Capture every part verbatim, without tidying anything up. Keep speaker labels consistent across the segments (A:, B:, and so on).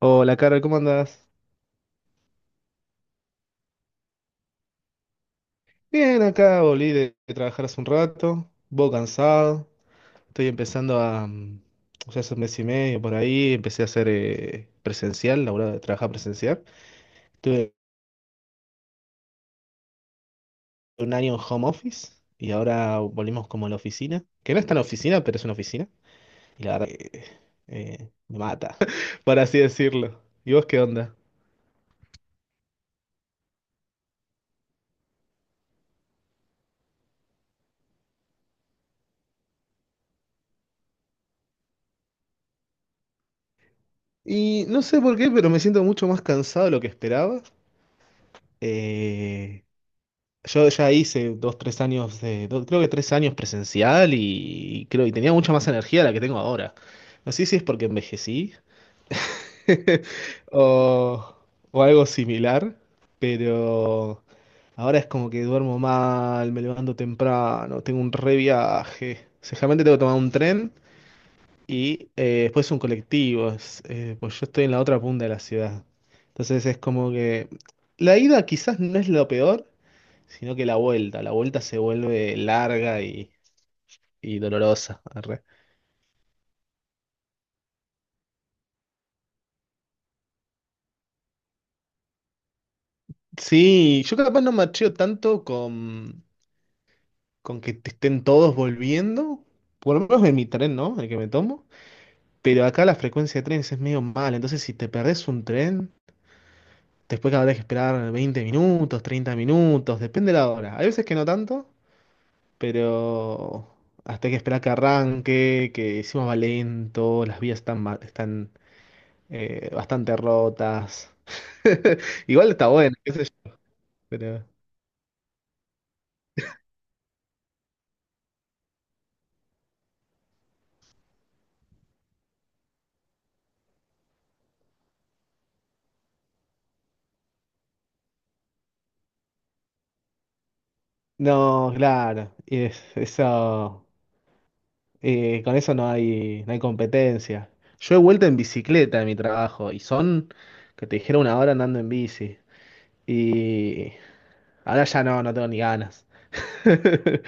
A: Hola, Carol, ¿cómo andás? Bien, acá volví de, de trabajar hace un rato, un cansado, estoy empezando a, mm, o sea, hace un mes y medio por ahí, empecé a hacer eh, presencial, laburar, de trabajar presencial. Estuve un año en home office y ahora volvimos como a la oficina, que no es tan oficina, pero es una oficina, y la verdad que eh, me mata, por así decirlo. ¿Y vos qué onda? Y no sé por qué, pero me siento mucho más cansado de lo que esperaba. Eh, Yo ya hice dos, tres años de, do- creo que tres años presencial y, y creo y tenía mucha más energía de la que tengo ahora. No sé si es porque envejecí o, o algo similar, pero ahora es como que duermo mal, me levanto temprano, tengo un re viaje. Seguramente tengo que tomar un tren y eh, después un colectivo, es, eh, pues yo estoy en la otra punta de la ciudad. Entonces es como que la ida quizás no es lo peor, sino que la vuelta, la vuelta se vuelve larga y, y dolorosa. Arre. Sí, yo capaz no macheo tanto con, con que te estén todos volviendo, por lo menos en mi tren, ¿no? El que me tomo, pero acá la frecuencia de trenes es medio mal, entonces si te perdés un tren, después habrás que esperar veinte minutos, treinta minutos, depende de la hora. Hay veces que no tanto, pero... Hasta hay que esperar que arranque, que encima va lento, las vías están, ma- están eh, bastante rotas. Igual está bueno, qué sé yo, pero... No, claro, y es- eso, eh, con eso no hay, no hay competencia. Yo he vuelto en bicicleta de mi trabajo y son, que te dijera, una hora andando en bici. Y ahora ya no, no tengo ni ganas.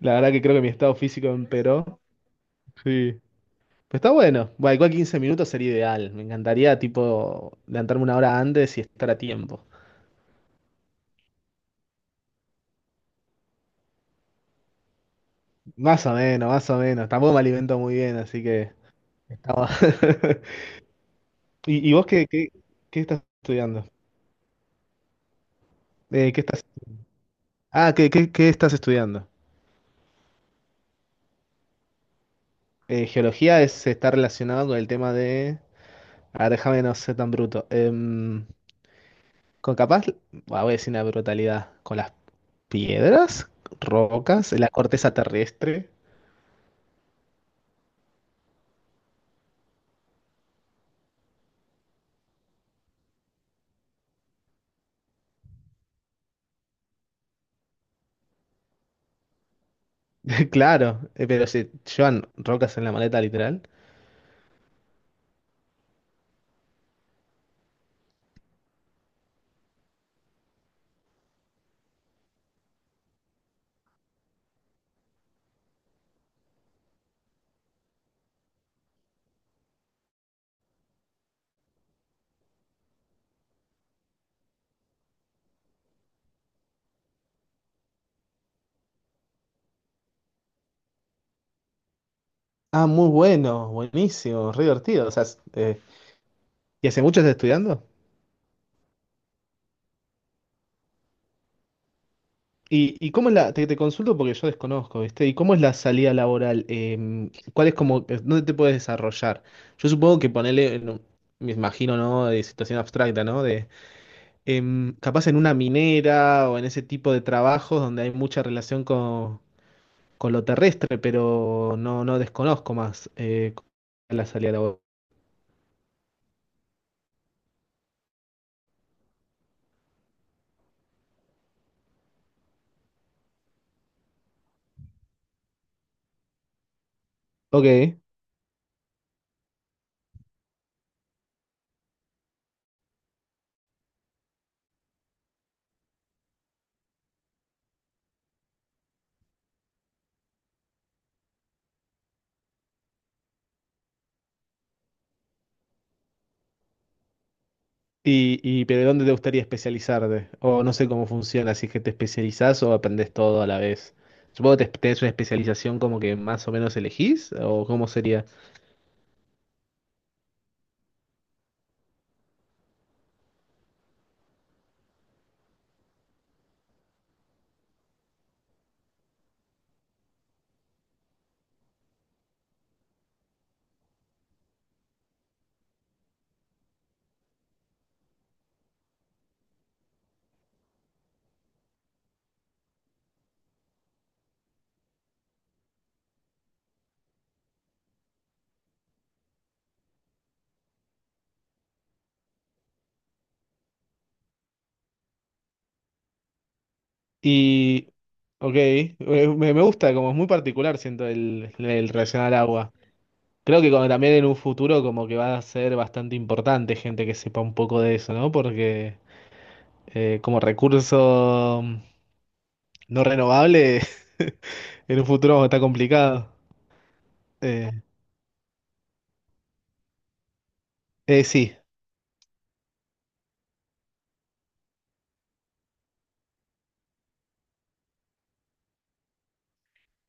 A: La verdad que creo que mi estado físico empeoró. Sí. Pero está bueno. Bueno, igual 15 minutos sería ideal. Me encantaría, tipo, levantarme una hora antes y estar a tiempo. Más o menos, más o menos. Tampoco me alimento muy bien, así que estamos. ¿Y, y vos qué, qué, qué estás estudiando? Eh, ¿qué estás... Ah, ¿qué, qué, qué estás estudiando? Eh, geología es, está relacionado con el tema de... A ver, déjame no ser tan bruto. Em, con capaz, bah, voy a decir una brutalidad. ¿Con las piedras? ¿Rocas? ¿La corteza terrestre? Claro, eh, pero se llevan rocas en la maleta literal. Ah, muy bueno, buenísimo, re divertido. O sea, es- eh, ¿y hace mucho estás estudiando? ¿Y, y cómo es la, te, te consulto porque yo desconozco, ¿viste? ¿Y cómo es la salida laboral? Em, ¿cuál es como, eh, dónde te puedes desarrollar? Yo supongo que ponerle, me imagino, ¿no? De situación abstracta, ¿no? De em, capaz en una minera o en ese tipo de trabajos donde hay mucha relación con, con lo terrestre, pero no, no desconozco más eh, la salida laboral. Ok. Y, y, pero ¿dónde te gustaría especializarte? O no sé cómo funciona, si es que te especializás o aprendes todo a la vez. Supongo que te tenés una especialización como que más o menos elegís, o cómo sería. Y, ok, eh, me, me gusta, como es muy particular, siento, el, el relacionado al agua. Creo que como también en un futuro como que va a ser bastante importante gente que sepa un poco de eso, ¿no? Porque eh, como recurso mm, no renovable, en un futuro está complicado. Eh, eh, sí.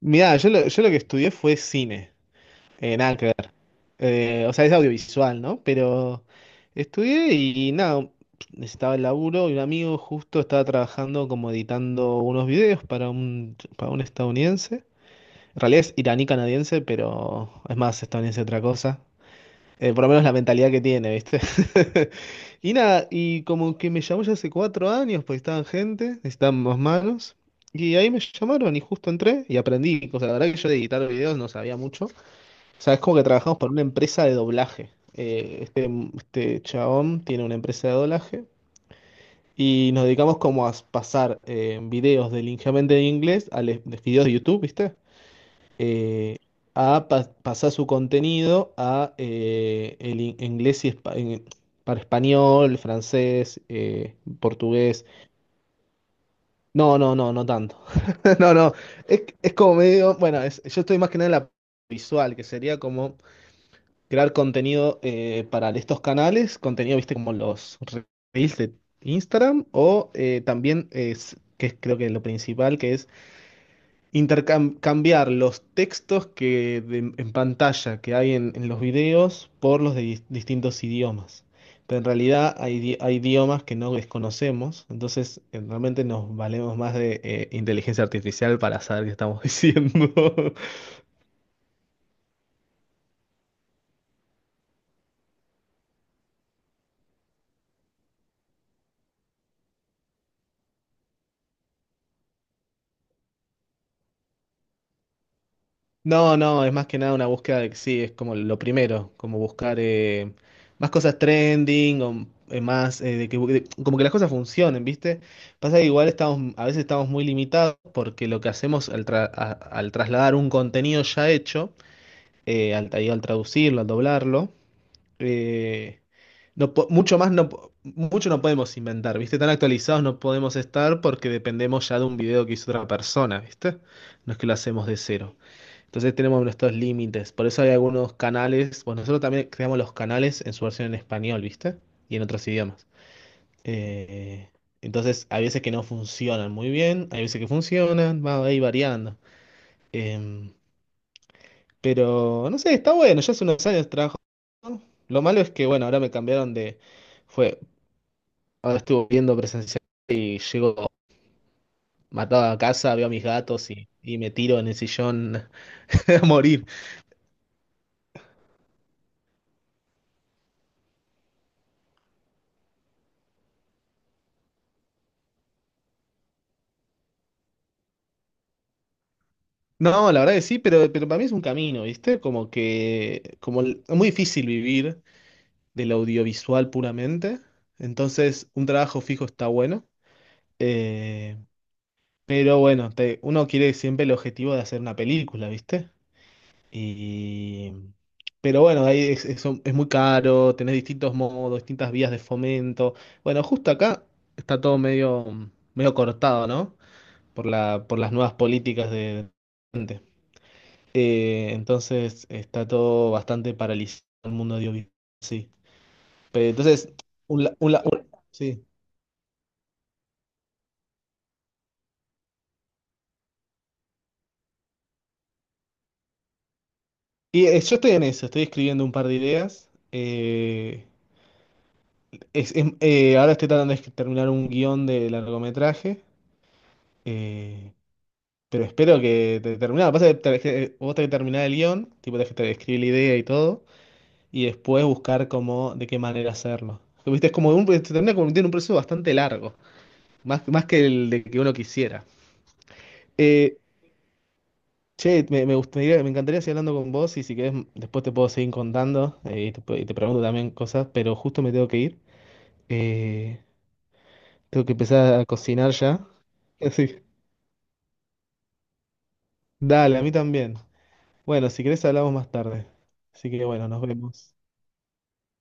A: Mirá, yo lo, yo lo que estudié fue cine, eh, nada que ver. Eh, o sea, es audiovisual, ¿no? Pero estudié y nada, necesitaba el laburo y un amigo justo estaba trabajando como editando unos videos para un, para un estadounidense. En realidad es iraní-canadiense, pero es más estadounidense otra cosa. Eh, por lo menos la mentalidad que tiene, ¿viste? Y nada, y como que me llamó ya hace cuatro años, pues estaban gente, necesitaban más manos. Y ahí me llamaron y justo entré y aprendí. O sea, la verdad que yo de editar videos no sabía mucho. O sea, es como que trabajamos para una empresa de doblaje. Eh, este, este chabón tiene una empresa de doblaje y nos dedicamos como a pasar eh, videos del ligeramente de inglés a les- de videos de YouTube, ¿viste? eh, a pa- pasar su contenido a eh, el in- inglés y espa- en- para español, francés, eh, portugués. No, no, no, no tanto. No, no. Es, es como medio, bueno, es- yo estoy más que nada en la visual, que sería como crear contenido eh, para estos canales, contenido, viste, como los reels de Instagram o eh, también es, que es creo que lo principal, que es intercambiar los textos que de- en pantalla que hay en, en los videos por los de dis- distintos idiomas. Pero en realidad hay, idi- hay idiomas que no desconocemos, entonces eh, realmente nos valemos más de eh, inteligencia artificial para saber qué estamos diciendo. No, no, es más que nada una búsqueda de, sí, es como lo primero, como buscar eh, más cosas trending o eh, más, eh, de que, de- como que las cosas funcionen, ¿viste? Pasa que igual estamos, a veces estamos muy limitados porque lo que hacemos al, tra- a- al trasladar un contenido ya hecho, eh, al, ahí al traducirlo, al doblarlo, eh, no, po- mucho más no, po- mucho no podemos inventar, ¿viste? Tan actualizados no podemos estar porque dependemos ya de un video que hizo otra persona, ¿viste? No es que lo hacemos de cero. Entonces tenemos nuestros límites. Por eso hay algunos canales. Bueno, nosotros también creamos los canales en su versión en español, ¿viste? Y en otros idiomas. Eh, entonces, hay veces que no funcionan muy bien, hay veces que funcionan, va ahí variando. Em, pero, no sé, está bueno, ya hace unos años trabajo. ¿No? Lo malo es que, bueno, ahora me cambiaron de... Fue, ahora estuve viendo presencial y llego matado a casa, veo a mis gatos y, y me tiro en el sillón a morir. No, la verdad que sí, pero, pero para mí es un camino, ¿viste? Como que como el- es muy difícil vivir del audiovisual puramente, entonces un trabajo fijo está bueno, eh, pero bueno, te- uno quiere siempre el objetivo de hacer una película, ¿viste? Y, pero bueno, ahí es, es, es muy caro, tenés distintos modos, distintas vías de fomento. Bueno, justo acá está todo medio, medio cortado, ¿no? Por la, por las nuevas políticas de... Eh, entonces está todo bastante paralizado el mundo audiovisual. Sí. Pero entonces, un, la- un la- un- sí. Y eh, yo estoy en eso, estoy escribiendo un par de ideas. eh, es- es- eh, ahora estoy tratando de escri- terminar un guión de largometraje. eh, pero espero que te terminado. Pasa que te- que vos tenés que terminar el guión, tipo tenés que te- escribir la idea y todo, y después buscar cómo, de qué manera hacerlo. Viste, es como un, se termina convirtiendo en un proceso bastante largo, más, más que el de que uno quisiera. Eh, Che, me, me gustaría, me encantaría seguir hablando con vos y si querés m- después te puedo seguir contando eh, y te, pu- y te pregunto también cosas, pero justo me tengo que ir. Eh, tengo que empezar a cocinar ya. Así, que, dale, a mí también. Bueno, si querés hablamos más tarde. Así que bueno, nos vemos.